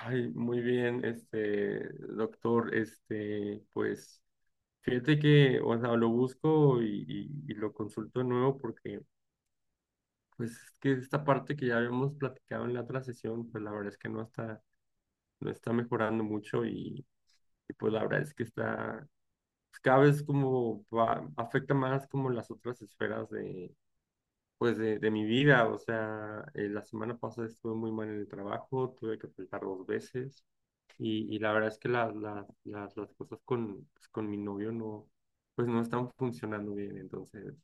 Ay, muy bien, doctor, pues, fíjate que, o sea, lo busco y lo consulto de nuevo porque, pues, es que esta parte que ya habíamos platicado en la otra sesión, pues, la verdad es que no no está mejorando mucho y, pues, la verdad es que está, pues, cada vez como afecta más como las otras esferas de, pues, de mi vida, o sea, la semana pasada estuve muy mal en el trabajo, tuve que faltar dos veces. Y la verdad es que las cosas con, pues, con mi novio no, pues no están funcionando bien. Entonces,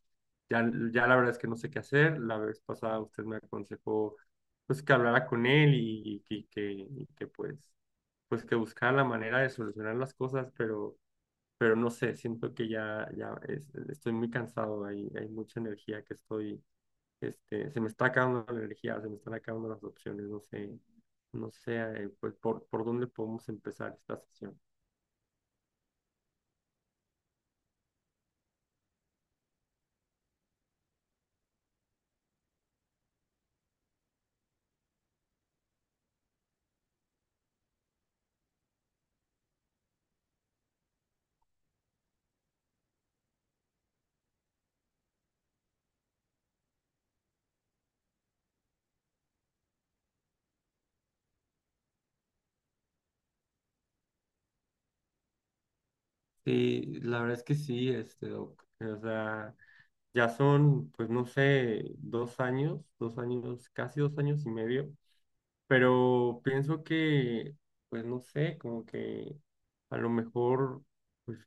ya la verdad es que no sé qué hacer. La vez pasada usted me aconsejó pues que hablara con él y y que pues, pues que buscara la manera de solucionar las cosas, pero no sé, siento que ya, estoy muy cansado. Hay mucha energía que estoy este, se me está acabando la energía, se me están acabando las opciones, no sé, no sé, pues por dónde podemos empezar esta sesión. Sí, la verdad es que sí, este, doc. O sea, ya son, pues no sé, dos años, casi dos años y medio pero pienso que, pues no sé, como que a lo mejor, pues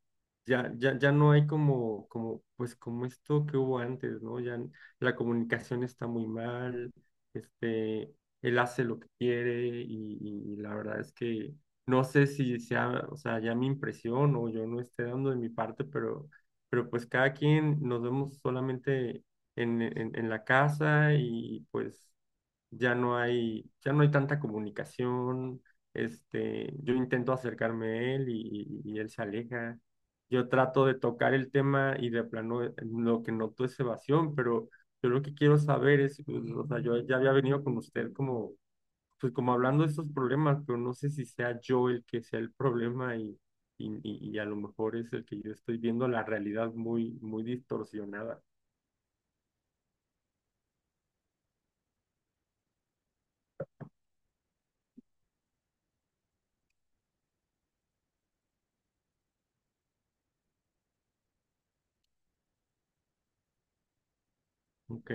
ya no hay como, como, pues como esto que hubo antes, ¿no? La comunicación está muy mal, este, él hace lo que quiere y la verdad es que no sé si sea, o sea, ya mi impresión o yo no esté dando de mi parte, pero pues cada quien nos vemos solamente en la casa y pues ya no ya no hay tanta comunicación, este, yo intento acercarme a él y él se aleja. Yo trato de tocar el tema y de plano lo que noto es evasión, pero yo lo que quiero saber es, pues, o sea, yo ya había venido con usted como, pues como hablando de estos problemas, pero no sé si sea yo el que sea el problema y, y a lo mejor es el que yo estoy viendo la realidad muy, muy distorsionada. Ok.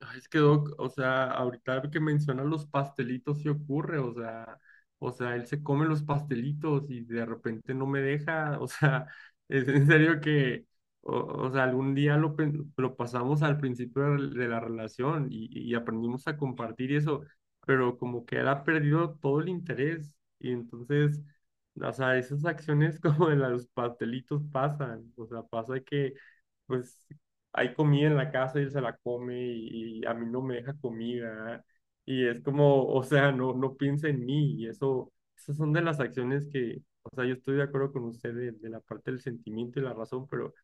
Ay, es que Doc, o sea, ahorita que menciona los pastelitos sí ocurre, o sea, él se come los pastelitos y de repente no me deja, o sea, es en serio que, o sea, algún día lo pasamos al principio de la relación y aprendimos a compartir y eso, pero como que él ha perdido todo el interés y entonces, o sea, esas acciones como de los pastelitos pasan, o sea, pasa que… Pues hay comida en la casa y él se la come y a mí no me deja comida. Y es como, o sea, no, no piensa en mí. Y eso, esas son de las acciones que, o sea, yo estoy de acuerdo con usted de la parte del sentimiento y la razón,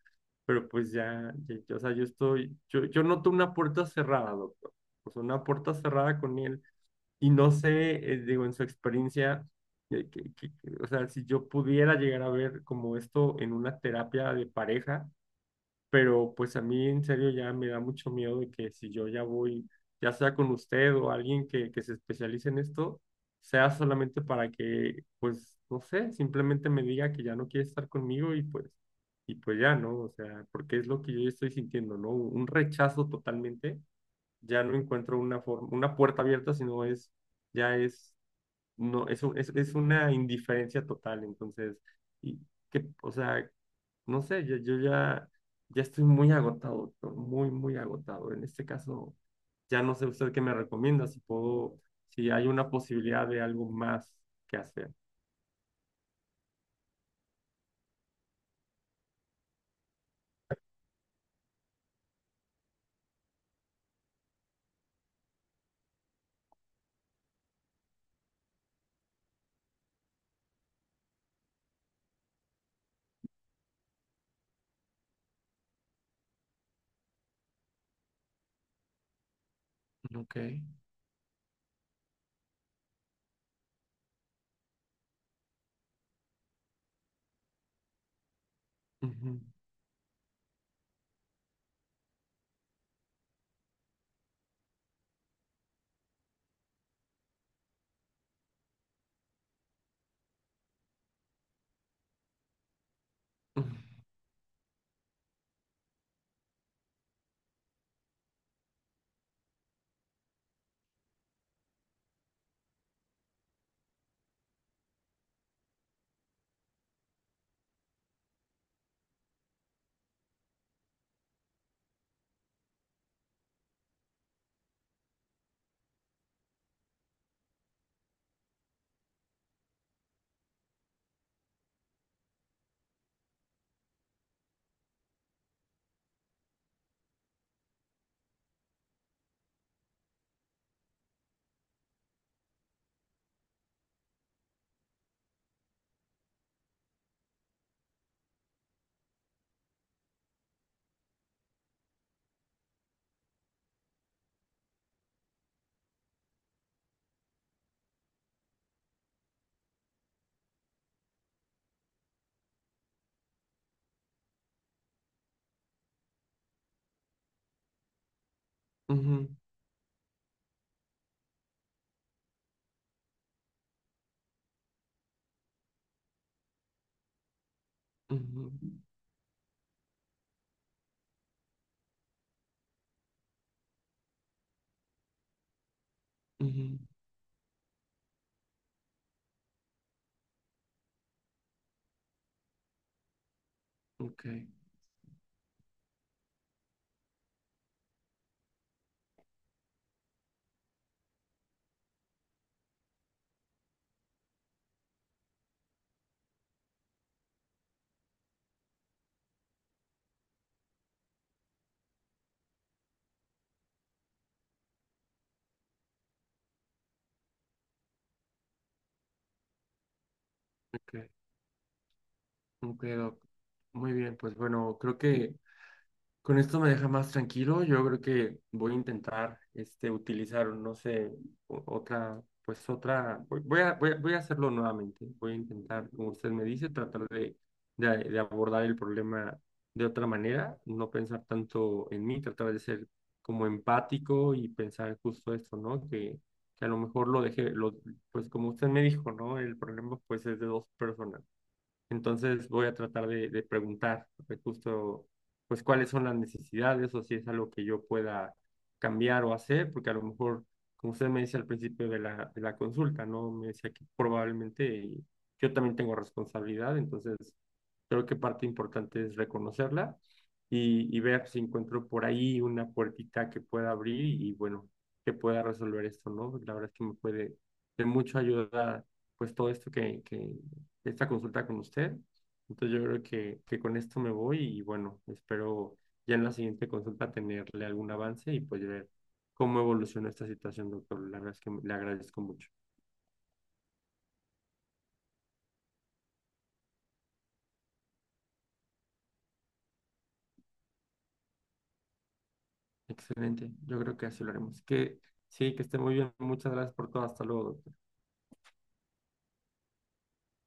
pero pues o sea, yo noto una puerta cerrada, doctor. O sea, una puerta cerrada con él. Y no sé, digo, en su experiencia, o sea, si yo pudiera llegar a ver como esto en una terapia de pareja pero pues a mí en serio ya me da mucho miedo de que si yo ya voy, ya sea con usted o alguien que se especialice en esto, sea solamente para que, pues, no sé, simplemente me diga que ya no quiere estar conmigo y pues ya, ¿no? O sea, porque es lo que yo ya estoy sintiendo, ¿no? Un rechazo totalmente, ya no encuentro una forma, una puerta abierta, sino es, ya es, no, es una indiferencia total, entonces, y que, o sea, no sé, yo ya, ya estoy muy agotado, doctor, muy, muy agotado. En este caso, ya no sé usted qué me recomienda, si puedo, si hay una posibilidad de algo más que hacer. Ok. Ujú, ujú, ujú, ujú, ujú. Ok, ok, ok, doc. Muy bien, pues bueno, creo que con esto me deja más tranquilo. Yo creo que voy a intentar este, utilizar, no sé, otra, voy a hacerlo nuevamente. Voy a intentar, como usted me dice, tratar de, de abordar el problema de otra manera, no pensar tanto en mí, tratar de ser como empático y pensar justo esto, ¿no? Que a lo mejor pues como usted me dijo, ¿no? El problema pues es de dos personas. Entonces voy a tratar de preguntar justo, pues cuáles son las necesidades o si es algo que yo pueda cambiar o hacer, porque a lo mejor, como usted me dice al principio de de la consulta, ¿no? Me decía que probablemente yo también tengo responsabilidad, entonces creo que parte importante es reconocerla y ver si encuentro por ahí una puertita que pueda abrir y, bueno, que pueda resolver esto, ¿no? La verdad es que me puede de mucho ayuda, pues todo esto que esta consulta con usted. Entonces yo creo que con esto me voy y bueno, espero ya en la siguiente consulta tenerle algún avance y pues ver cómo evoluciona esta situación, doctor. La verdad es que le agradezco mucho. Excelente, yo creo que así lo haremos. Que sí, que esté muy bien. Muchas gracias por todo. Hasta luego, doctor.